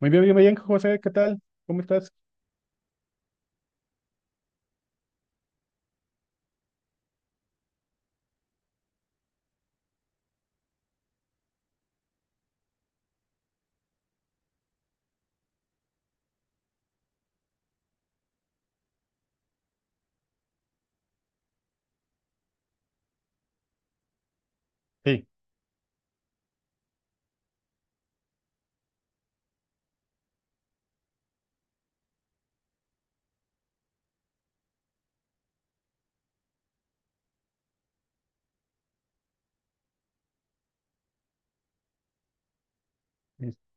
Muy bien, José, ¿qué tal? ¿Cómo estás? Sí,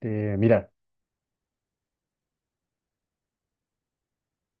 este, mira,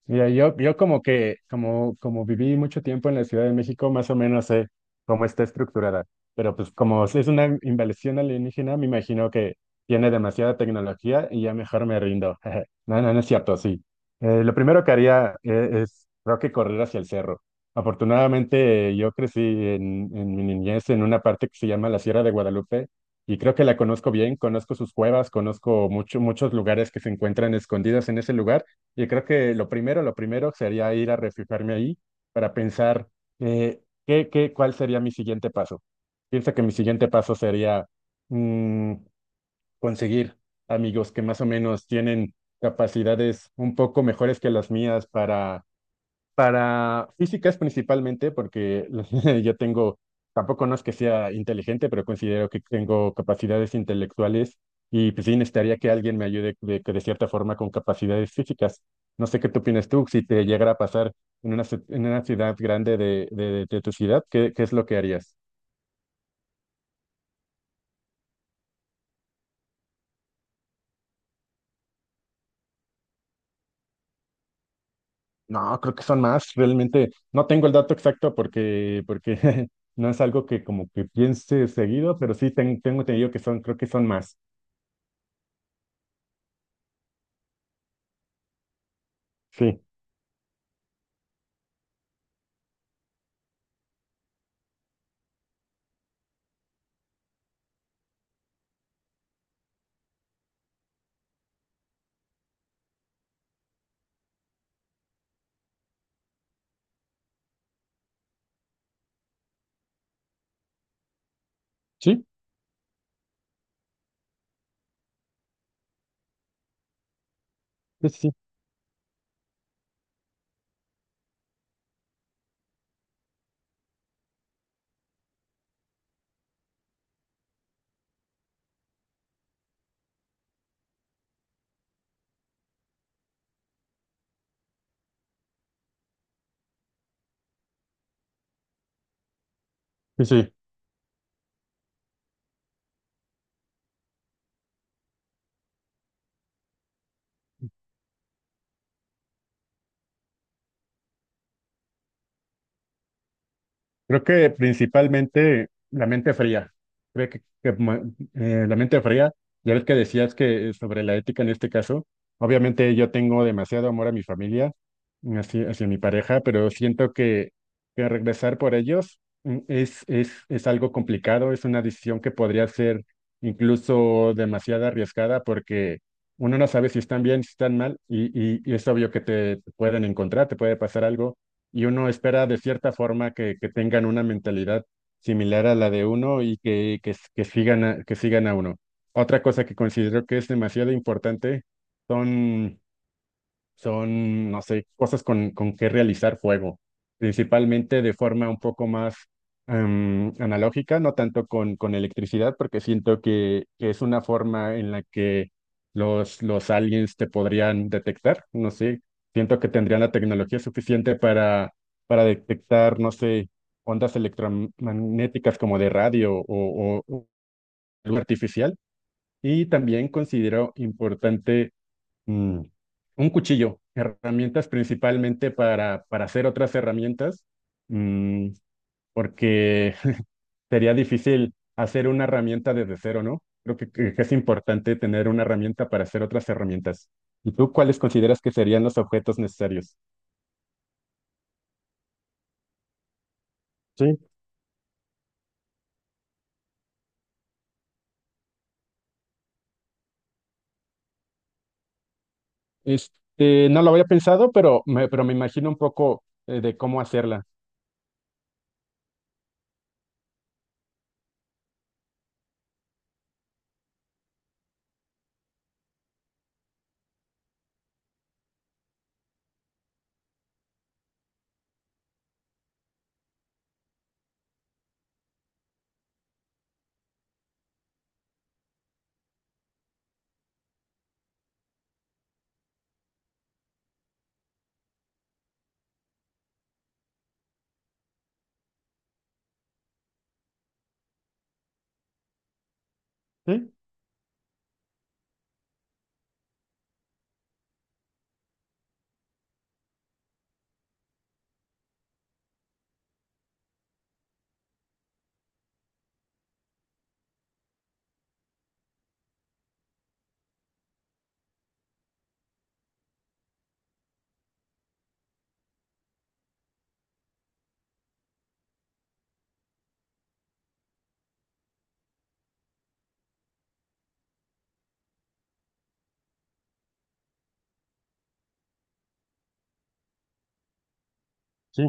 Mira, yo como que, como viví mucho tiempo en la Ciudad de México, más o menos sé cómo está estructurada. Pero pues como es una invasión alienígena, me imagino que tiene demasiada tecnología y ya mejor me rindo. No, no, no es cierto, sí. Lo primero que haría es, creo que correr hacia el cerro. Afortunadamente, yo crecí en mi niñez en una parte que se llama la Sierra de Guadalupe y creo que la conozco bien, conozco sus cuevas, conozco mucho, muchos lugares que se encuentran escondidos en ese lugar. Yo creo que lo primero sería ir a refugiarme ahí para pensar qué, qué, cuál sería mi siguiente paso. Pienso que mi siguiente paso sería mm, conseguir amigos que más o menos tienen capacidades un poco mejores que las mías para físicas principalmente, porque yo tengo, tampoco no es que sea inteligente, pero considero que tengo capacidades intelectuales y pues sí necesitaría que alguien me ayude de, que de cierta forma con capacidades físicas. No sé qué tú opinas tú, si te llegara a pasar en una, ci- en una ciudad grande de tu ciudad, ¿qué, qué es lo que harías? No, creo que son más, realmente no tengo el dato exacto porque no es algo que como que piense seguido, pero sí ten- tengo entendido que son, creo que son más. Sí. Sí, sí, sí. Sí, sí. Creo que principalmente la mente fría. Creo que, ma- la mente fría, ya ves que decías que sobre la ética en este caso, obviamente yo tengo demasiado amor a mi familia, hacia, hacia mi pareja, pero siento que regresar por ellos es algo complicado, es una decisión que podría ser incluso demasiado arriesgada porque uno no sabe si están bien, si están mal, y es obvio que te pueden encontrar, te puede pasar algo y uno espera de cierta forma que tengan una mentalidad similar a la de uno y que, s- que sigan a uno. Otra cosa que considero que es demasiado importante son son, no sé, cosas con que realizar fuego, principalmente de forma un poco más analógica, no tanto con electricidad, porque siento que es una forma en la que los aliens te podrían detectar, no sé, siento que tendrían la tecnología suficiente para detectar, no sé, ondas electromagnéticas como de radio o algo artificial. Y también considero importante mm, un cuchillo, herramientas principalmente para hacer otras herramientas, mm, porque sería difícil hacer una herramienta desde cero, ¿no? Creo que es importante tener una herramienta para hacer otras herramientas. ¿Y tú cuáles consideras que serían los objetos necesarios? Sí. Este, no lo había pensado, pero me imagino un poco de cómo hacerla. ¿Sí? Sí,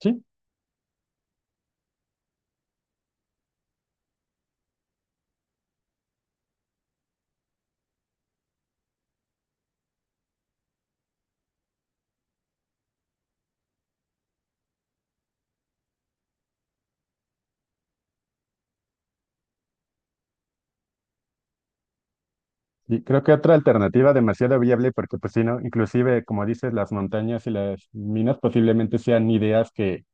sí. Y creo que otra alternativa demasiado viable, porque pues si no, inclusive, como dices, las montañas y las minas posiblemente sean ideas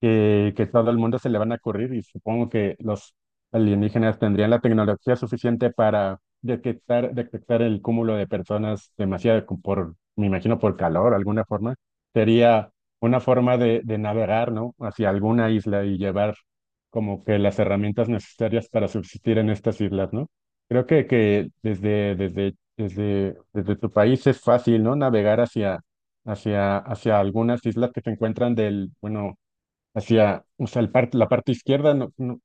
que todo el mundo se le van a ocurrir y supongo que los alienígenas tendrían la tecnología suficiente para detectar, detectar el cúmulo de personas demasiado co- por, me imagino, por calor, alguna forma. Sería una forma de navegar, ¿no? Hacia alguna isla y llevar como que las herramientas necesarias para subsistir en estas islas, ¿no? Creo que desde tu país es fácil, ¿no? Navegar hacia, hacia, hacia algunas islas que se encuentran del, bueno, hacia, o sea, el par- la parte izquierda, no, no,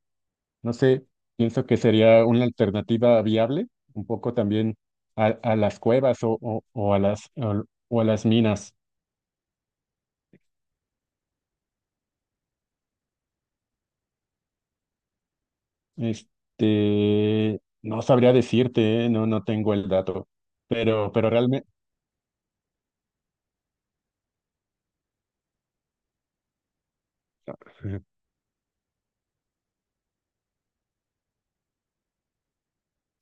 no sé, pienso que sería una alternativa viable, un poco también a las cuevas o a las minas. Este, no sabría decirte, ¿eh? No, no tengo el dato, pero realmente,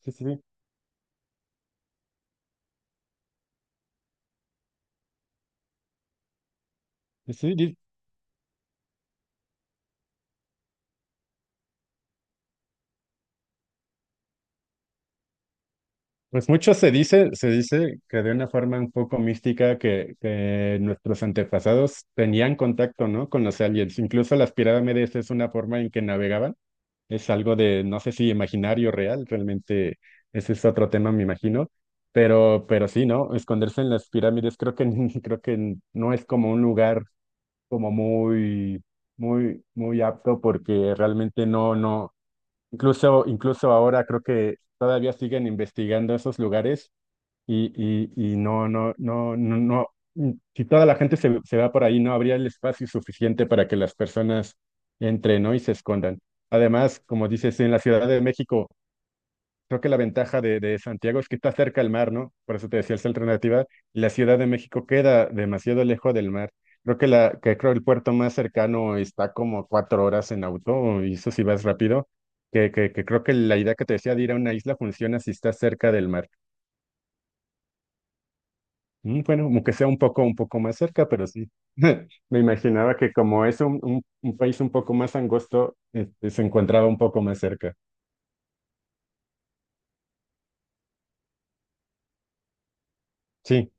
sí, sí, sí, sí. Pues mucho se dice que de una forma un poco mística que nuestros antepasados tenían contacto, ¿no? Con los aliens. Incluso las pirámides es una forma en que navegaban. Es algo de, no sé si imaginario real, realmente ese es otro tema, me imagino. Pero sí, ¿no? Esconderse en las pirámides creo que, creo que no es como un lugar como muy, muy, muy apto porque realmente no, no. Incluso, incluso ahora creo que todavía siguen investigando esos lugares y, y no, no, no, no, no, si toda la gente se, se va por ahí, no habría el espacio suficiente para que las personas entren, ¿no? y se escondan. Además, como dices, en la Ciudad de México, creo que la ventaja de Santiago es que está cerca al mar, ¿no? Por eso te decía esa alternativa, y la Ciudad de México queda demasiado lejos del mar. Creo que, la, que creo el puerto más cercano está como 4 horas en auto, y eso si vas rápido, que creo que la idea que te decía de ir a una isla funciona si estás cerca del mar. Mm, bueno, aunque sea un poco más cerca, pero sí. Me imaginaba que como es un país un poco más angosto, este, se encontraba un poco más cerca. Sí,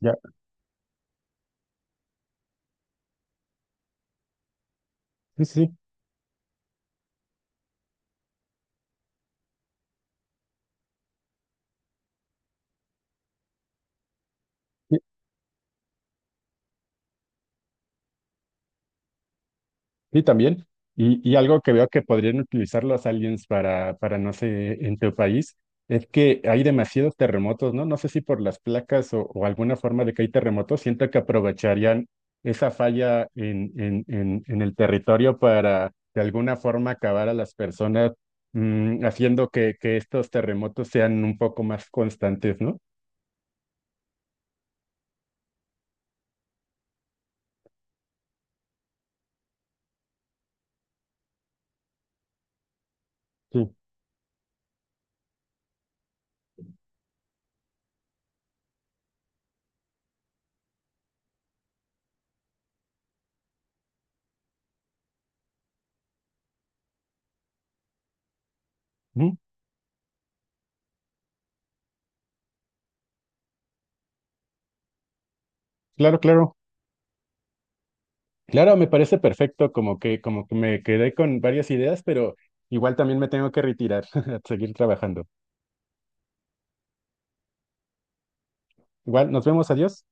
ya, sí, sí. Sí. Sí, también. Y algo que veo que podrían utilizar los aliens para, no sé, en tu país, es que hay demasiados terremotos, ¿no? No sé si por las placas o alguna forma de que hay terremotos, siento que aprovecharían esa falla en el territorio para de alguna forma acabar a las personas, haciendo que estos terremotos sean un poco más constantes, ¿no? Sí. Ujú. Claro, claro. Claro, me parece perfecto, como que me quedé con varias ideas, pero igual también me tengo que retirar a seguir trabajando. Igual, nos vemos, adiós.